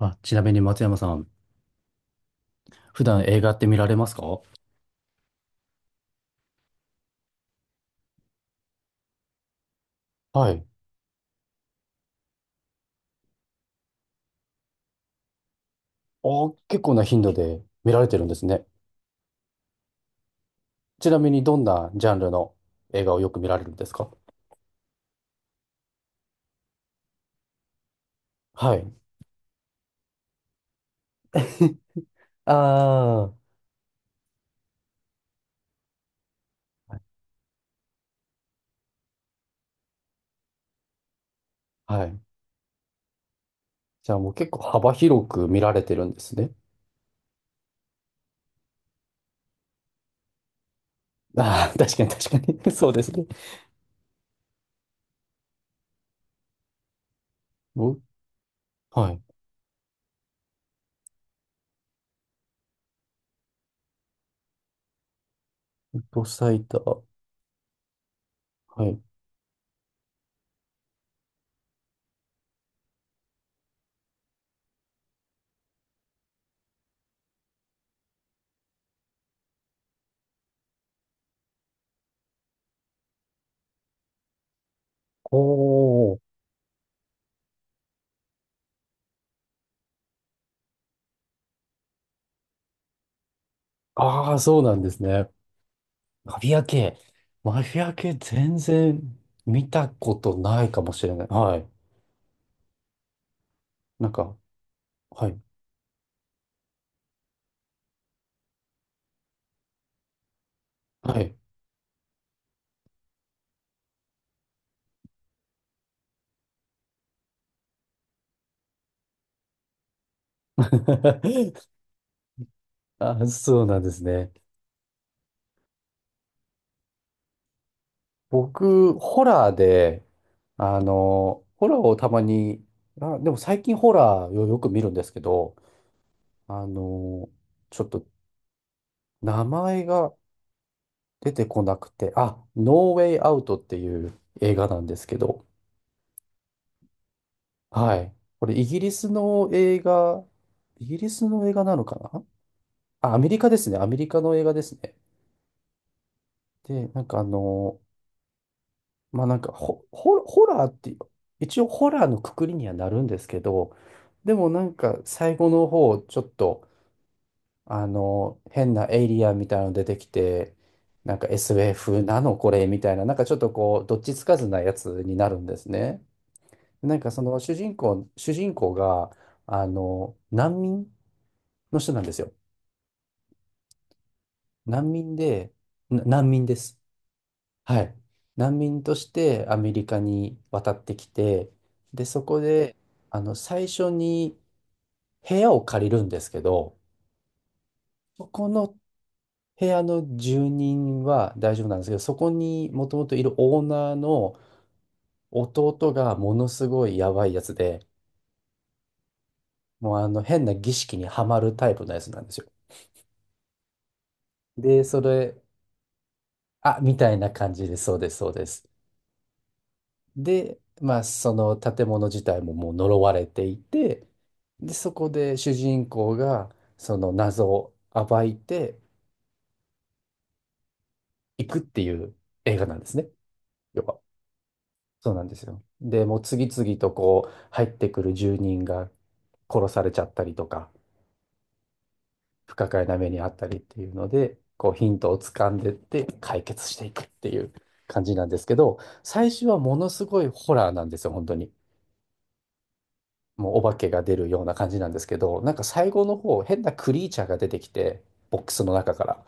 あ、ちなみに松山さん、普段映画って見られますか？はい。あ、結構な頻度で見られてるんですね。ちなみにどんなジャンルの映画をよく見られるんですか？はい。ああ。はい。じゃあもう結構幅広く見られてるんですね。ああ、確かに確かに。そうですね。僕はい。と最多。はい。おー。ああ、そうなんですね。マフィア系。マフィア系全然見たことないかもしれない。はい。なんか、はい。はい。あ、そうなんですね。僕、ホラーで、ホラーをたまに、あ、でも最近ホラーをよく見るんですけど、あの、ちょっと名前が出てこなくて、あ、ノーウェイアウトっていう映画なんですけど、はい。これイギリスの映画、イギリスの映画なのかな。あ、アメリカですね。アメリカの映画ですね。で、なんかあの、まあなんかホ、ホホラーっていう、一応ホラーのくくりにはなるんですけど、でもなんか最後の方、ちょっと、変なエイリアンみたいなの出てきて、なんか SF なのこれみたいな、なんかちょっとこう、どっちつかずなやつになるんですね。なんかその主人公が、難民の人なんですよ。難民で、難民です。はい。難民としてアメリカに渡ってきて、で、そこで、最初に部屋を借りるんですけど、そこの部屋の住人は大丈夫なんですけど、そこにもともといるオーナーの弟がものすごいやばいやつで、もうあの変な儀式にはまるタイプのやつなんですよ。で、それ、あ、みたいな感じで、そうです、そうです。で、まあ、その建物自体ももう呪われていて、で、そこで主人公がその謎を暴いていくっていう映画なんですね。要は。そうなんですよ。で、もう次々とこう入ってくる住人が殺されちゃったりとか、不可解な目にあったりっていうので、こうヒントを掴んでって解決していくっていう感じなんですけど、最初はものすごいホラーなんですよ、本当に。もうお化けが出るような感じなんですけど、なんか最後の方、変なクリーチャーが出てきて、ボックスの中から。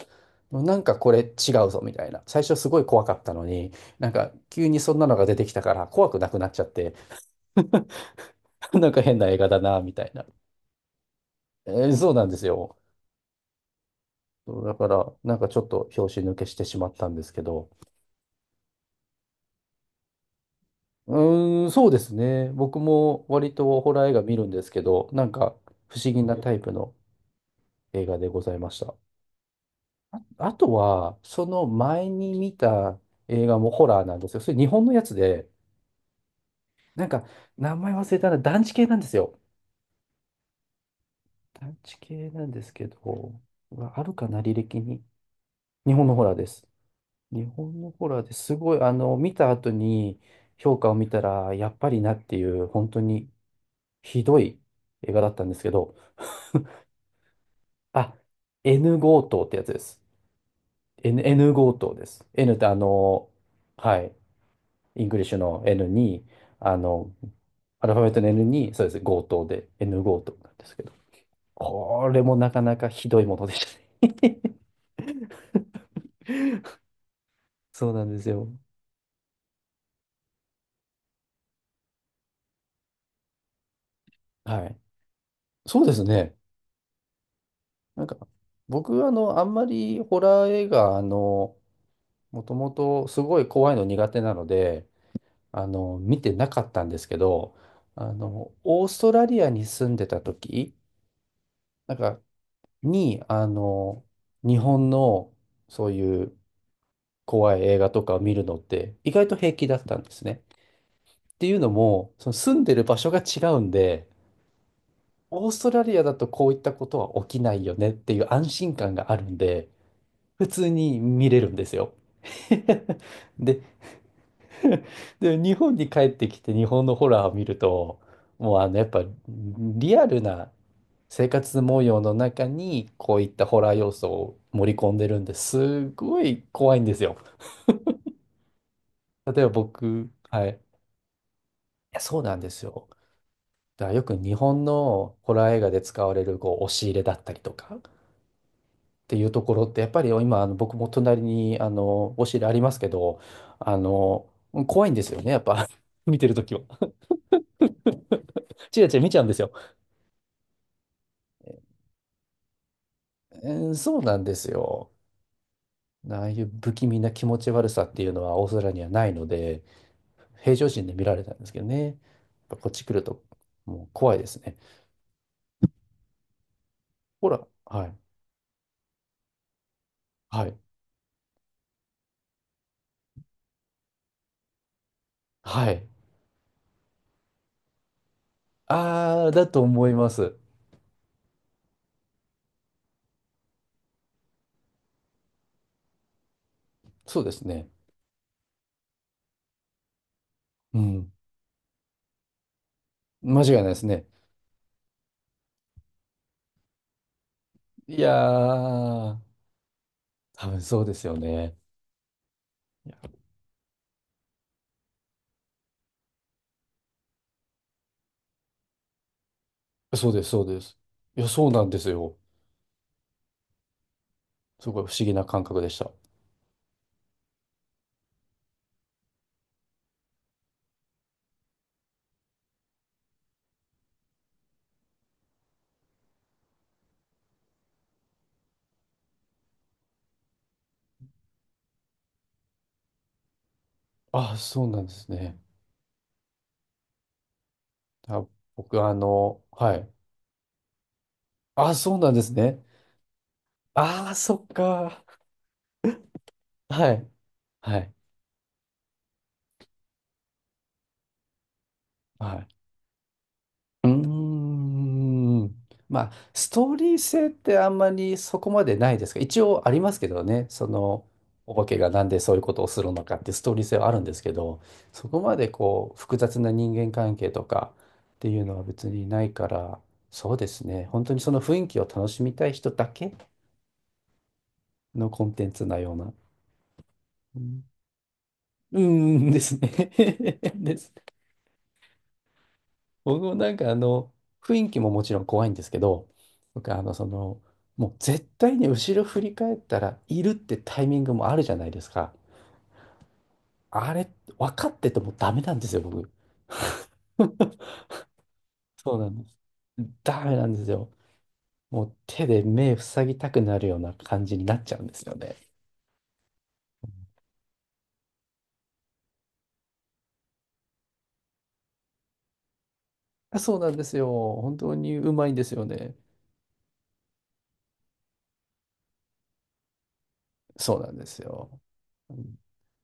なんかこれ違うぞみたいな。最初すごい怖かったのに、なんか急にそんなのが出てきたから怖くなくなっちゃって、なんか変な映画だな、みたいな。そうなんですよ。そうだから、なんかちょっと拍子抜けしてしまったんですけど。うーん、そうですね。僕も割とホラー映画見るんですけど、なんか不思議なタイプの映画でございました。あとは、その前に見た映画もホラーなんですよ。それ日本のやつで、なんか、名前忘れたな、団地系なんですよ。団地系なんですけど、うわあるかな、履歴に。日本のホラーです。日本のホラーで、すごい、見た後に評価を見たら、やっぱりなっていう、本当にひどい映画だったんですけど、あ、N 強盗ってやつです。N 強盗です。N ってはい。イングリッシュの N に、あの、アルファベットの N に、そうです、強盗で、N 強盗なんですけど、これもなかなかひどいものでしたね。 そうなんですよ。はい。そうですね。なんか、僕、あんまりホラー映画、もともとすごい怖いの苦手なので、見てなかったんですけど、オーストラリアに住んでた時、なんか、に、日本の、そういう怖い映画とかを見るのって意外と平気だったんですね。っていうのも、その住んでる場所が違うんで、オーストラリアだとこういったことは起きないよねっていう安心感があるんで、普通に見れるんですよ。で、で、日本に帰ってきて日本のホラーを見ると、もうやっぱリアルな生活模様の中にこういったホラー要素を盛り込んでるんですごい怖いんですよ。例えば僕、はい。いや、そうなんですよ。だからよく日本のホラー映画で使われるこう押し入れだったりとかっていうところってやっぱり今僕も隣にあの押し入れありますけどあの怖いんですよねやっぱ。 見てるときは。チラチラ見ちゃうんですよ。そうなんですよ。ああいう不気味な気持ち悪さっていうのはオーストラリアにはないので平常心で見られたんですけどね。やっぱこっち来るともう怖いですね。ほら、はい、はい、はい。ああ、だと思います。そうですね。うん。間違いないですね。いやー、多分そうですよね。いやそうです、そうです。いや、そうなんですよ。すごい不思議な感覚でした。あ、そうなんですね。あ、僕、はい。あ、そうなんですね。あー、そっか。はい。はい。はい。うーん。まあ、ストーリー性ってあんまりそこまでないですが、一応ありますけどね、その、お化けがなんでそういうことをするのかってストーリー性はあるんですけど、そこまでこう、複雑な人間関係とかっていうのは別にないから、そうですね、本当にその雰囲気を楽しみたい人だけのコンテンツなような、うん、うーんですね。です。僕もなんか雰囲気ももちろん怖いんですけど、僕はもう絶対に後ろ振り返ったらいるってタイミングもあるじゃないですか。あれ、分かっててもダメなんですよ、僕。そうなんです。ダメなんですよ。もう手で目塞ぎたくなるような感じになっちゃうんですよね。そうなんですよ。本当にうまいんですよね。そうなんですよ。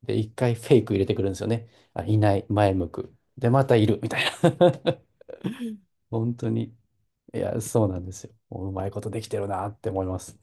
で、一回フェイク入れてくるんですよね。あ、いない、前向く。で、またいる、みたいな。本当に。いや、そうなんですよ。もううまいことできてるなって思います。